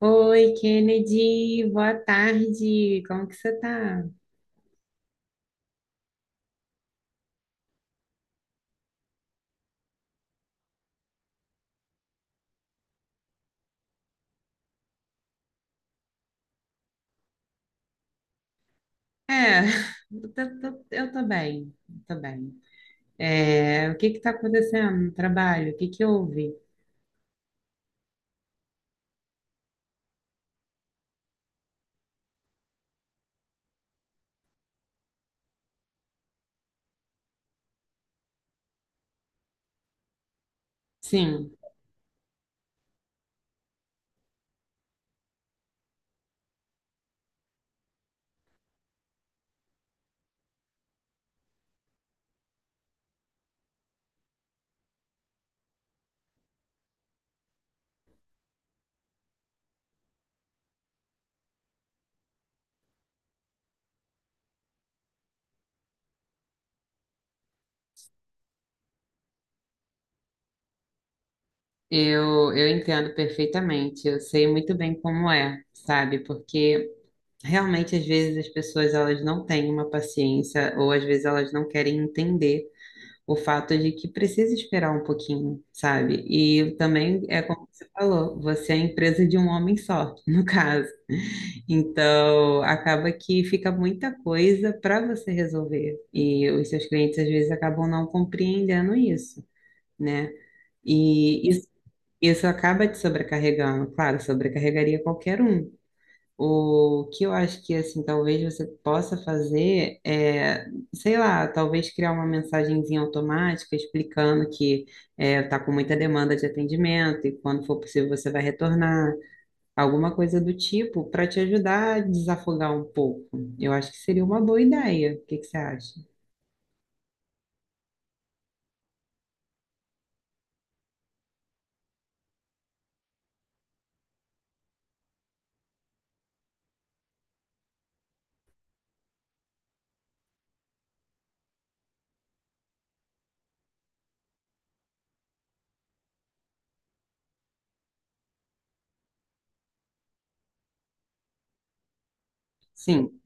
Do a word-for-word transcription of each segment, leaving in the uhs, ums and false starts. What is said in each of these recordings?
Oi, Kennedy, boa tarde. Como que você tá? É, eu tô, tô- eu tô bem, eu tô bem. É, o que que tá acontecendo no trabalho? O que que houve? Sim, eu, eu entendo perfeitamente. Eu sei muito bem como é, sabe? Porque realmente às vezes as pessoas elas não têm uma paciência ou às vezes elas não querem entender o fato de que precisa esperar um pouquinho, sabe? E também é como você falou, você é a empresa de um homem só, no caso. Então, acaba que fica muita coisa para você resolver. E os seus clientes às vezes acabam não compreendendo isso, né? E isso, isso acaba te sobrecarregando, claro, sobrecarregaria qualquer um. O que eu acho que, assim, talvez você possa fazer é, sei lá, talvez criar uma mensagenzinha automática explicando que está com muita demanda de atendimento e quando for possível você vai retornar, alguma coisa do tipo, para te ajudar a desafogar um pouco. Eu acho que seria uma boa ideia. O que que você acha? Sim,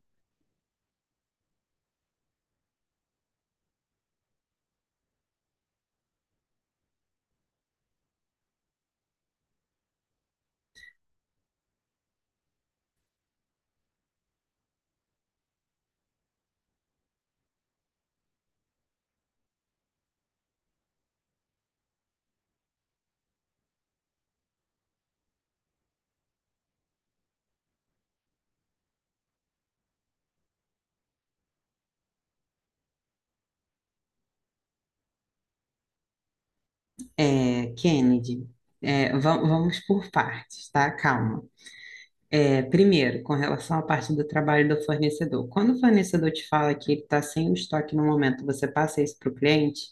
é, Kennedy, é, va- vamos por partes, tá? Calma. É, primeiro, com relação à parte do trabalho do fornecedor. Quando o fornecedor te fala que ele está sem o estoque no momento, você passa isso para o cliente?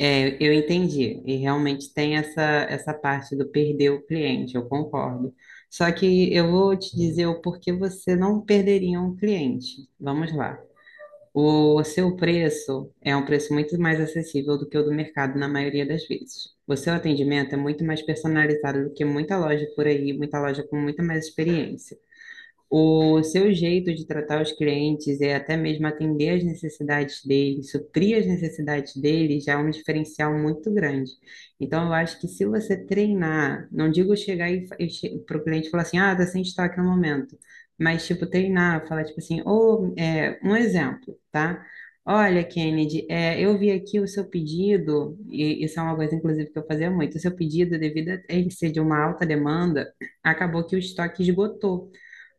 É, eu entendi, e realmente tem essa, essa parte do perder o cliente, eu concordo. Só que eu vou te dizer o porquê você não perderia um cliente. Vamos lá. O seu preço é um preço muito mais acessível do que o do mercado na maioria das vezes. O seu atendimento é muito mais personalizado do que muita loja por aí, muita loja com muita mais experiência. O seu jeito de tratar os clientes e até mesmo atender as necessidades deles, suprir as necessidades deles, já é um diferencial muito grande. Então, eu acho que se você treinar, não digo chegar e, para o cliente falar assim, ah, tá sem estoque no momento, mas, tipo, treinar, falar, tipo assim, ou, é, um exemplo, tá? Olha, Kennedy, é, eu vi aqui o seu pedido, e isso é uma coisa, inclusive, que eu fazia muito, o seu pedido, devido a ele ser de uma alta demanda, acabou que o estoque esgotou.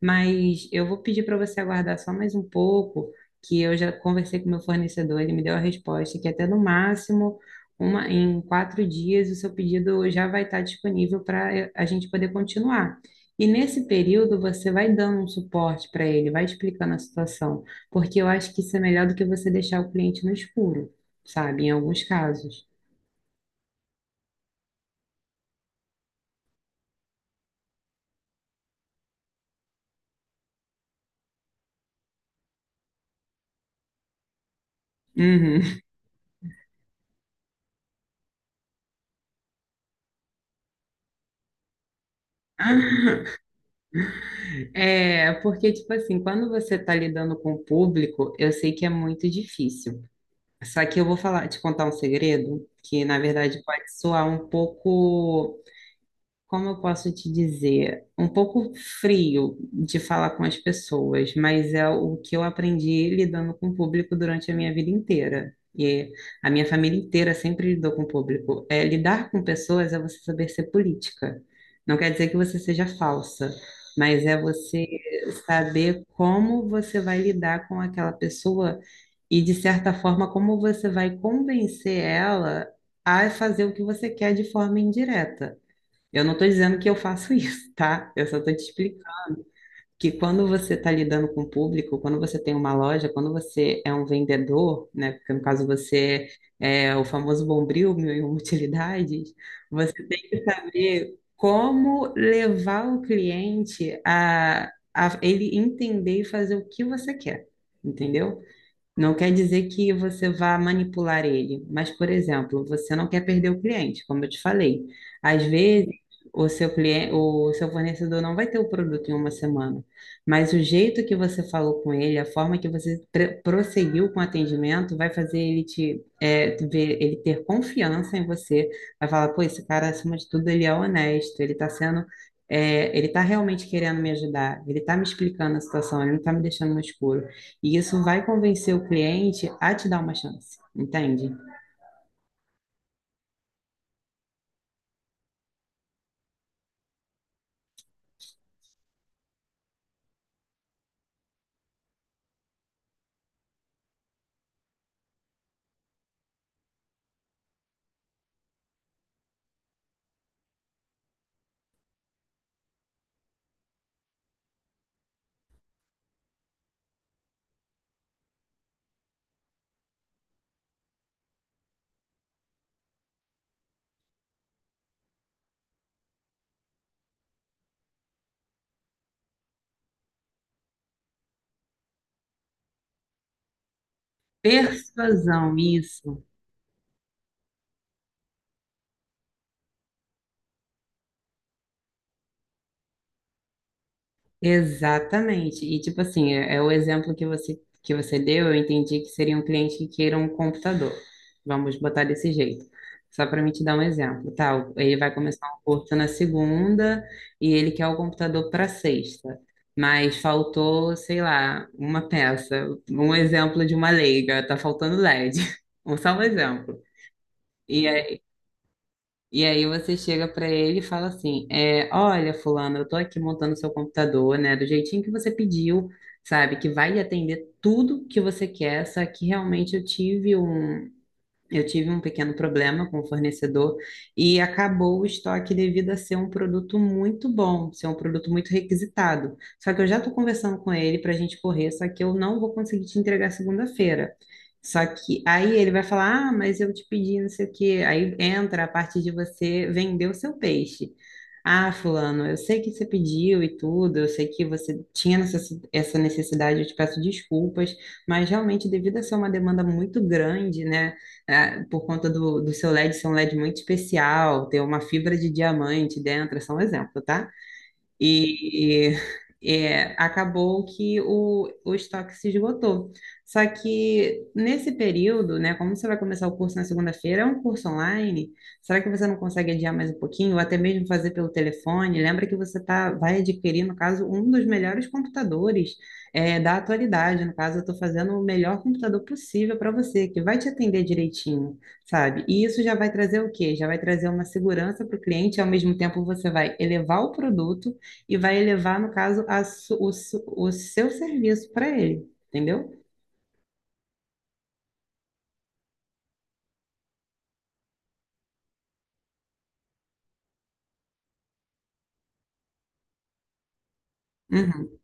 Mas eu vou pedir para você aguardar só mais um pouco, que eu já conversei com meu fornecedor, ele me deu a resposta que até no máximo uma, em quatro dias o seu pedido já vai estar disponível para a gente poder continuar. E nesse período você vai dando um suporte para ele, vai explicando a situação, porque eu acho que isso é melhor do que você deixar o cliente no escuro, sabe? Em alguns casos. Uhum. É, porque, tipo assim, quando você está lidando com o público, eu sei que é muito difícil. Só que eu vou falar, te contar um segredo que, na verdade, pode soar um pouco como eu posso te dizer, um pouco frio de falar com as pessoas, mas é o que eu aprendi lidando com o público durante a minha vida inteira. E a minha família inteira sempre lidou com o público. É, lidar com pessoas é você saber ser política. Não quer dizer que você seja falsa, mas é você saber como você vai lidar com aquela pessoa e, de certa forma, como você vai convencer ela a fazer o que você quer de forma indireta. Eu não estou dizendo que eu faço isso, tá? Eu só estou te explicando que quando você está lidando com o público, quando você tem uma loja, quando você é um vendedor, né? Porque no caso você é o famoso bombril, mil e uma utilidades, você tem que saber como levar o cliente a, a ele entender e fazer o que você quer, entendeu? Não quer dizer que você vá manipular ele, mas, por exemplo, você não quer perder o cliente, como eu te falei. Às vezes, o seu cliente, o seu fornecedor não vai ter o produto em uma semana, mas o jeito que você falou com ele, a forma que você pre- prosseguiu com o atendimento, vai fazer ele te, é, ver, ele ter confiança em você, vai falar, pô, esse cara, acima de tudo, ele é honesto, ele está sendo, é, ele está realmente querendo me ajudar, ele está me explicando a situação, ele não está me deixando no escuro. E isso vai convencer o cliente a te dar uma chance, entende? Persuasão, isso. Exatamente. E tipo assim, é, é o exemplo que você que você deu, eu entendi que seria um cliente que queira um computador. Vamos botar desse jeito. Só para me te dar um exemplo, tá? Ele vai começar um curso na segunda e ele quer o computador para sexta. Mas faltou, sei lá, uma peça, um exemplo de uma leiga, tá faltando L E D. Só um exemplo. E aí E aí você chega para ele e fala assim, é, olha, fulano, eu tô aqui montando seu computador, né, do jeitinho que você pediu, sabe, que vai atender tudo que você quer, só que realmente eu tive um, eu tive um pequeno problema com o fornecedor e acabou o estoque devido a ser um produto muito bom, ser um produto muito requisitado. Só que eu já estou conversando com ele para a gente correr, só que eu não vou conseguir te entregar segunda-feira. Só que aí ele vai falar: ah, mas eu te pedi não sei o quê. Aí entra a parte de você vender o seu peixe. Ah, fulano, eu sei que você pediu e tudo, eu sei que você tinha necessi- essa necessidade, eu te peço desculpas, mas realmente, devido a ser uma demanda muito grande, né? É, por conta do, do seu L E D ser um L E D muito especial, ter uma fibra de diamante dentro, é só um exemplo, tá? E é, acabou que o, o estoque se esgotou. Só que nesse período, né, como você vai começar o curso na segunda-feira, é um curso online, será que você não consegue adiar mais um pouquinho, ou até mesmo fazer pelo telefone? Lembra que você tá, vai adquirir, no caso, um dos melhores computadores é, da atualidade. No caso, eu estou fazendo o melhor computador possível para você, que vai te atender direitinho, sabe? E isso já vai trazer o quê? Já vai trazer uma segurança para o cliente, ao mesmo tempo você vai elevar o produto e vai elevar, no caso, a su- o, su- o seu serviço para ele, entendeu? Uhum.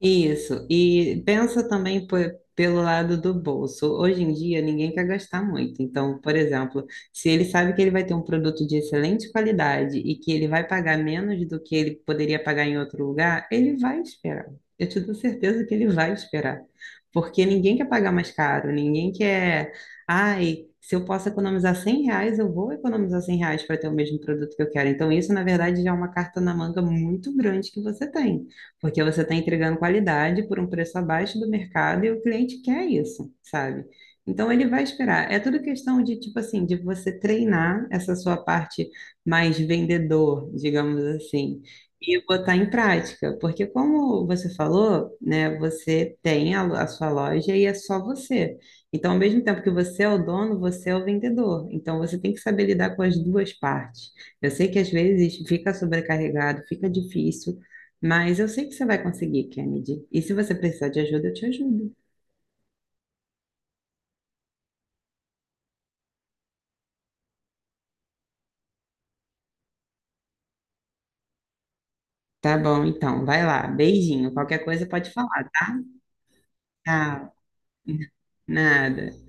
Isso, e pensa também po- pelo lado do bolso. Hoje em dia, ninguém quer gastar muito. Então, por exemplo, se ele sabe que ele vai ter um produto de excelente qualidade e que ele vai pagar menos do que ele poderia pagar em outro lugar, ele vai esperar. Eu te dou certeza que ele vai esperar. Porque ninguém quer pagar mais caro, ninguém quer. Ai, se eu posso economizar cem reais, eu vou economizar cem reais para ter o mesmo produto que eu quero. Então, isso, na verdade, já é uma carta na manga muito grande que você tem porque você está entregando qualidade por um preço abaixo do mercado e o cliente quer isso, sabe? Então ele vai esperar. É tudo questão de tipo assim, de você treinar essa sua parte mais vendedor, digamos assim, e botar em prática, porque como você falou, né, você tem a, a sua loja e é só você. Então, ao mesmo tempo que você é o dono, você é o vendedor. Então, você tem que saber lidar com as duas partes. Eu sei que às vezes fica sobrecarregado, fica difícil, mas eu sei que você vai conseguir, Kennedy. E se você precisar de ajuda, eu te ajudo. Tá bom, então. Vai lá. Beijinho. Qualquer coisa pode falar. Tchau. Nada.